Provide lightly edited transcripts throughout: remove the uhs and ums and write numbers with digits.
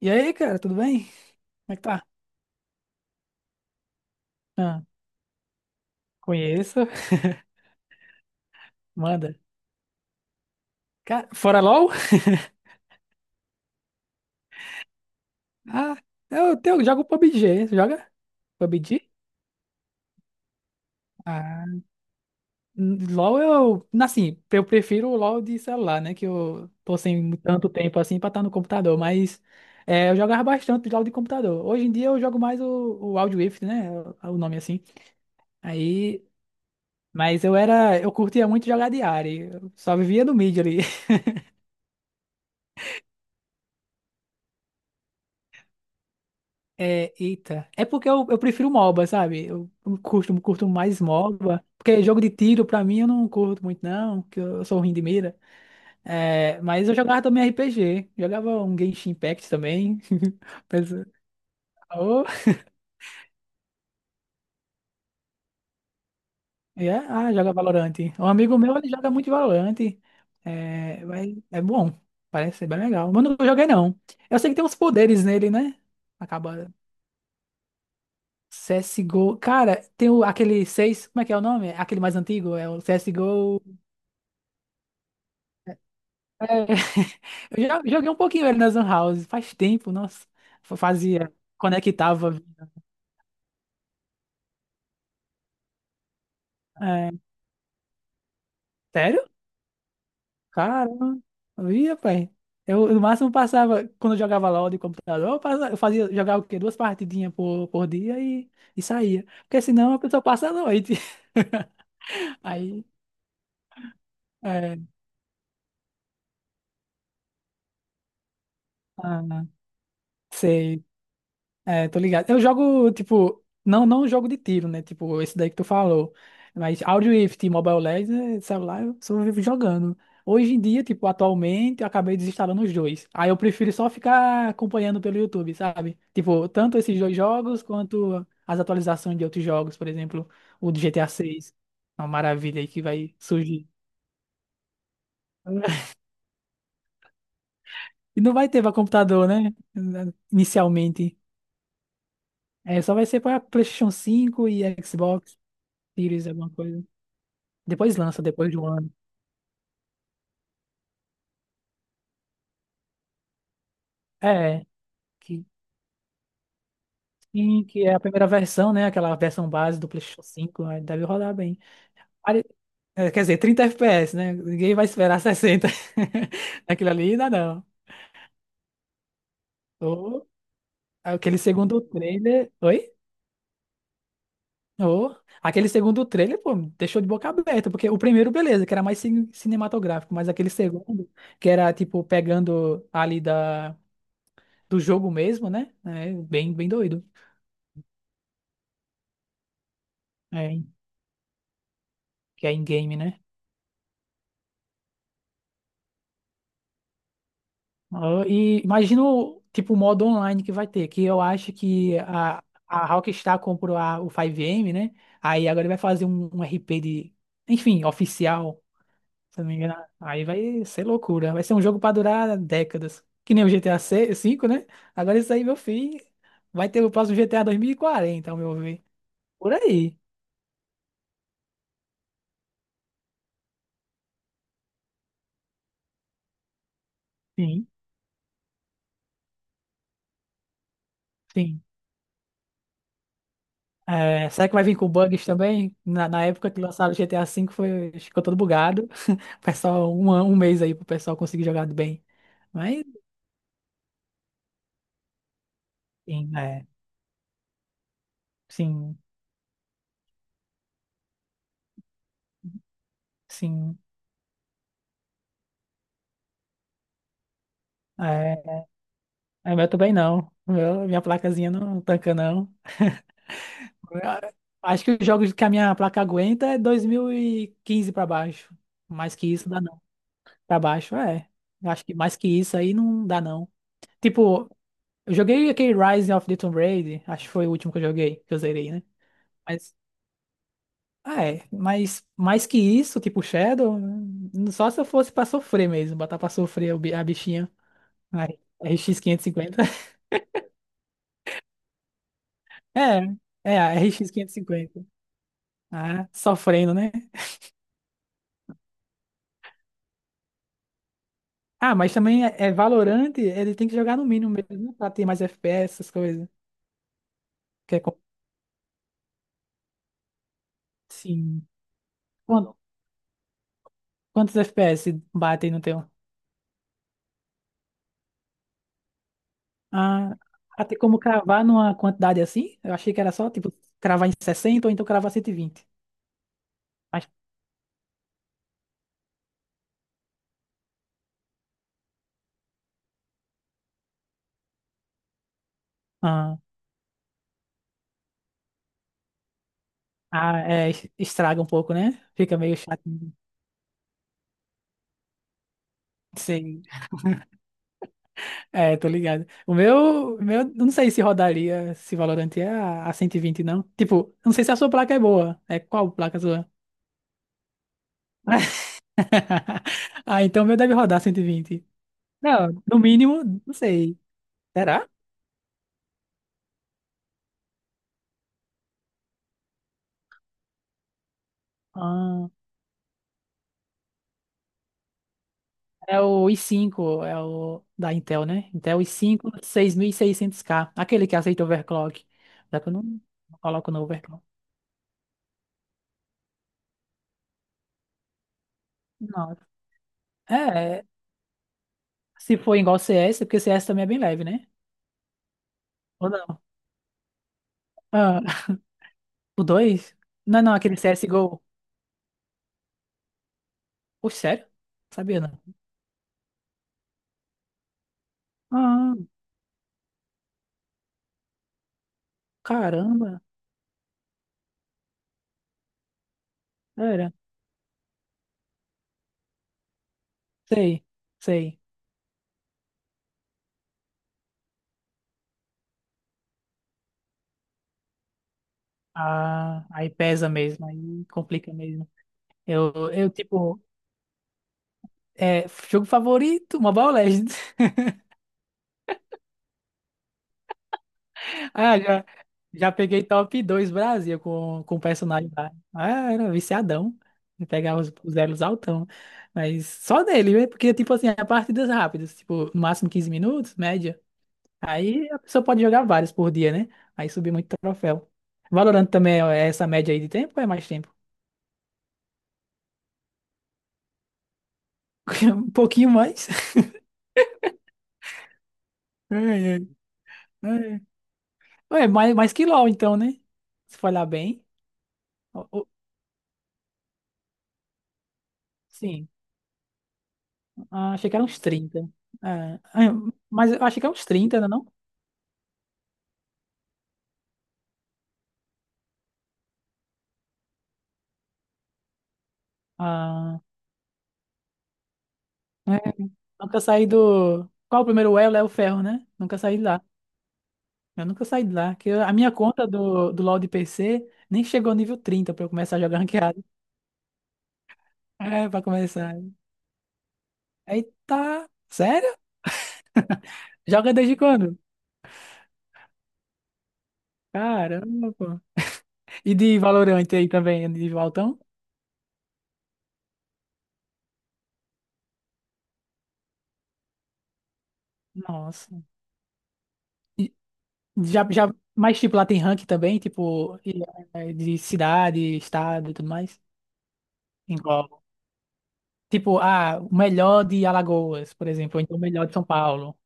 E aí, cara, tudo bem? Como é que tá? Ah, conheço. Manda. Cara, fora LOL? Ah, eu, jogo PUBG. Você joga? PUBG? Ah, LOL eu. Assim, eu prefiro o LOL de celular, né? Que eu tô sem tanto tempo assim pra estar no computador. Mas é, eu jogava bastante LOL de computador. Hoje em dia eu jogo mais o Wild Rift, né? O nome assim. Aí. Mas eu era. Eu curtia muito jogar de área. Eu só vivia no mid ali. É, eita. É porque eu prefiro MOBA, sabe? Eu curto mais MOBA. Porque jogo de tiro, pra mim, eu não curto muito, não. Que eu sou ruim de mira. É, mas eu jogava também RPG. Jogava um Genshin Impact também. Mas, oh, é, ah, joga Valorant. Um amigo meu, ele joga muito Valorant. É, mas é bom. Parece ser bem legal. Mas eu não joguei, não. Eu sei que tem uns poderes nele, né? Acaba... CSGO. Cara, tem o, aquele 6. Como é que é o nome? Aquele mais antigo? É o CSGO. É, eu já joguei um pouquinho ele nas Lan House, faz tempo, nossa. Fazia, conectava. É, sério? Caramba, via, pai. Eu, no máximo, passava, quando eu jogava LOL de computador, eu eu fazia, jogava o quê? Duas partidinhas por dia e saía. Porque senão a pessoa passa a noite. Aí, é, ah, sei. É, tô ligado. Eu jogo, tipo, não, não jogo de tiro, né? Tipo, esse daí que tu falou. Mas Audio Rift Mobile Legends, celular, eu só vivo jogando. Hoje em dia, tipo, atualmente, eu acabei desinstalando os dois. Aí eu prefiro só ficar acompanhando pelo YouTube, sabe? Tipo, tanto esses dois jogos quanto as atualizações de outros jogos, por exemplo, o do GTA 6. Uma maravilha aí que vai surgir. E não vai ter pra computador, né? Inicialmente. É, só vai ser pra PlayStation 5 e Xbox Series, alguma coisa. Depois lança, depois de um ano. É, que, sim, que é a primeira versão, né? Aquela versão base do PlayStation 5, aí deve rodar bem. Pare- É, quer dizer, 30 FPS, né? Ninguém vai esperar 60. Aquilo ali dá não. Ou aquele segundo trailer. Oi? Ou aquele segundo trailer, pô, me deixou de boca aberta, porque o primeiro, beleza, que era mais cinematográfico, mas aquele segundo, que era tipo pegando ali da, do jogo mesmo, né? É bem, bem doido. É, que é in-game, né? Ah, e imagina o tipo o modo online que vai ter, que eu acho que a Rockstar comprou a, o 5M, né? Aí agora ele vai fazer um RP de, enfim, oficial, se eu não me engano. Aí vai ser loucura. Vai ser um jogo pra durar décadas. Que nem o GTA V, né? Agora isso aí, meu filho, vai ter o próximo GTA 2040, ao meu ver. Por aí. Sim, sim. É, será que vai vir com bugs também? Na época que lançaram o GTA V foi, ficou todo bugado. O pessoal, um mês aí pro pessoal conseguir jogar bem. Mas, sim, é, sim, sim. É, é, o meu também não. O meu, minha placazinha não tanca, não. Eu acho que os jogos que a minha placa aguenta é 2015 pra baixo. Mais que isso, dá não. Pra baixo, é. Eu acho que mais que isso aí não dá, não. Tipo, eu joguei aquele Rise of the Tomb Raider, acho que foi o último que eu joguei, que eu zerei, né? Ah, é, mas mais que isso, tipo Shadow, só se eu fosse pra sofrer mesmo, botar pra sofrer o a bichinha. A RX 550. É, é, a RX 550. Ah, sofrendo, né? Ah, mas também é, é Valorant, ele tem que jogar no mínimo mesmo, né, pra ter mais FPS, essas coisas. Que é, sim. Quan- Quantos FPS batem no teu? Ah, ah, tem como cravar numa quantidade assim? Eu achei que era só, tipo, cravar em 60 ou então cravar 120. Mas, ah. Ah, é, estraga um pouco, né? Fica meio chato. Sim, é, tô ligado. O meu, não sei se rodaria, se Valorant é a 120 não. Tipo, não sei se a sua placa é boa. É qual placa sua? Ah, então o meu deve rodar 120. Não, no mínimo, não sei. Será? Ah, é o i5, é o da Intel, né? Intel i5-6600K, aquele que aceita overclock. Já que eu não coloco no overclock. Não. É, se for igual CS, porque CS também é bem leve, né? Ou não? Ah, o dois. Não, é não, aquele CSGO. Pô, sério? Sabia não. Ah, caramba. Era. Sei, sei. Ah, aí pesa mesmo, aí complica mesmo. Eu tipo, é, jogo favorito, Mobile Legends. Ah, já, já peguei top 2 Brasil com personagem lá. Ah, era viciadão. Eu pegava os elos altão. Mas só dele, né? Porque, tipo assim, é partidas rápidas, tipo, no máximo 15 minutos, média. Aí a pessoa pode jogar vários por dia, né? Aí subir muito troféu. Valorant também é essa média aí de tempo ou é mais tempo? Um pouquinho mais. Ai, ai, ai. Ué, mais que LOL, então, né? Se for olhar bem. O- o- Sim. Ah, achei que era uns 30. É, é, mas eu achei que é uns 30, não é não? Ah, é, nunca saí do... Qual o primeiro elo? É o ferro, né? Nunca saí de lá. Eu nunca saí de lá. Que eu- a minha conta do, do LoL de PC nem chegou ao nível 30 pra eu começar a jogar ranqueado. É, pra começar. Eita! Sério? Joga desde quando? Caramba, pô. E de Valorant aí também, de altão? Nossa. E já, já, mas tipo, lá tem rank também, tipo, e, é, de cidade, estado e tudo mais. Englobo. Tipo, ah, o melhor de Alagoas, por exemplo, ou então o melhor de São Paulo.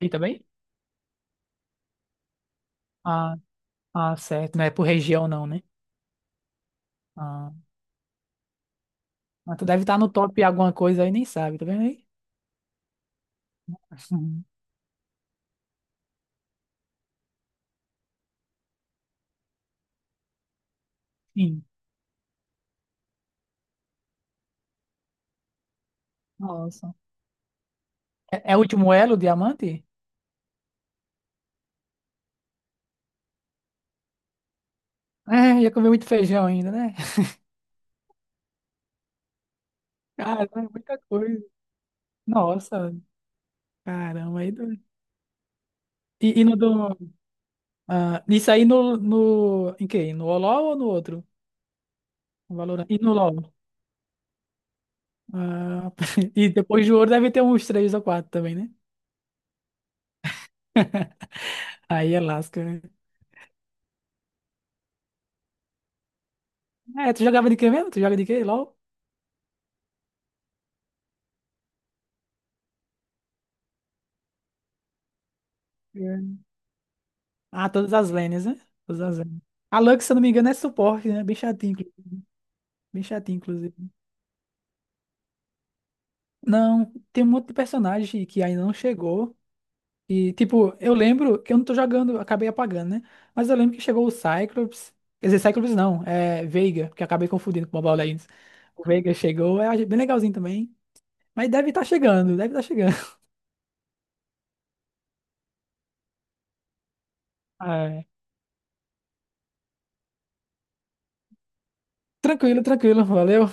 E também? Ah, ah, certo. Não é por região, não, né? Ah, mas tu deve estar no top alguma coisa aí, nem sabe, tá vendo aí? Uhum. Sim. Nossa. É, é o último elo, diamante? É, já comi muito feijão ainda, né? Cara, é muita coisa. Nossa, caramba. Aí do... E, e no do... ah, isso aí no, no... Em quê? No Oló ou no outro? No Valorant? E no LOL? Ah, e depois de ouro deve ter uns três ou quatro também, né? Aí é lasca, né? É, tu jogava de quê mesmo? Tu joga de quê? LOL? É. Ah, todas as lanes, né? Todas as lanes. A Lux, se eu não me engano, é suporte, né? Bem chatinho, inclusive. Não, tem um monte de personagem que ainda não chegou. E, tipo, eu lembro que eu não tô jogando, acabei apagando, né? Mas eu lembro que chegou o Cyclops. Quer dizer, Cyclops não, é Veiga, que eu acabei confundindo com o Mobile Legends. O Veiga chegou, é bem legalzinho também. Mas deve estar chegando, deve estar chegando. Tranquilo, tranquilo, valeu.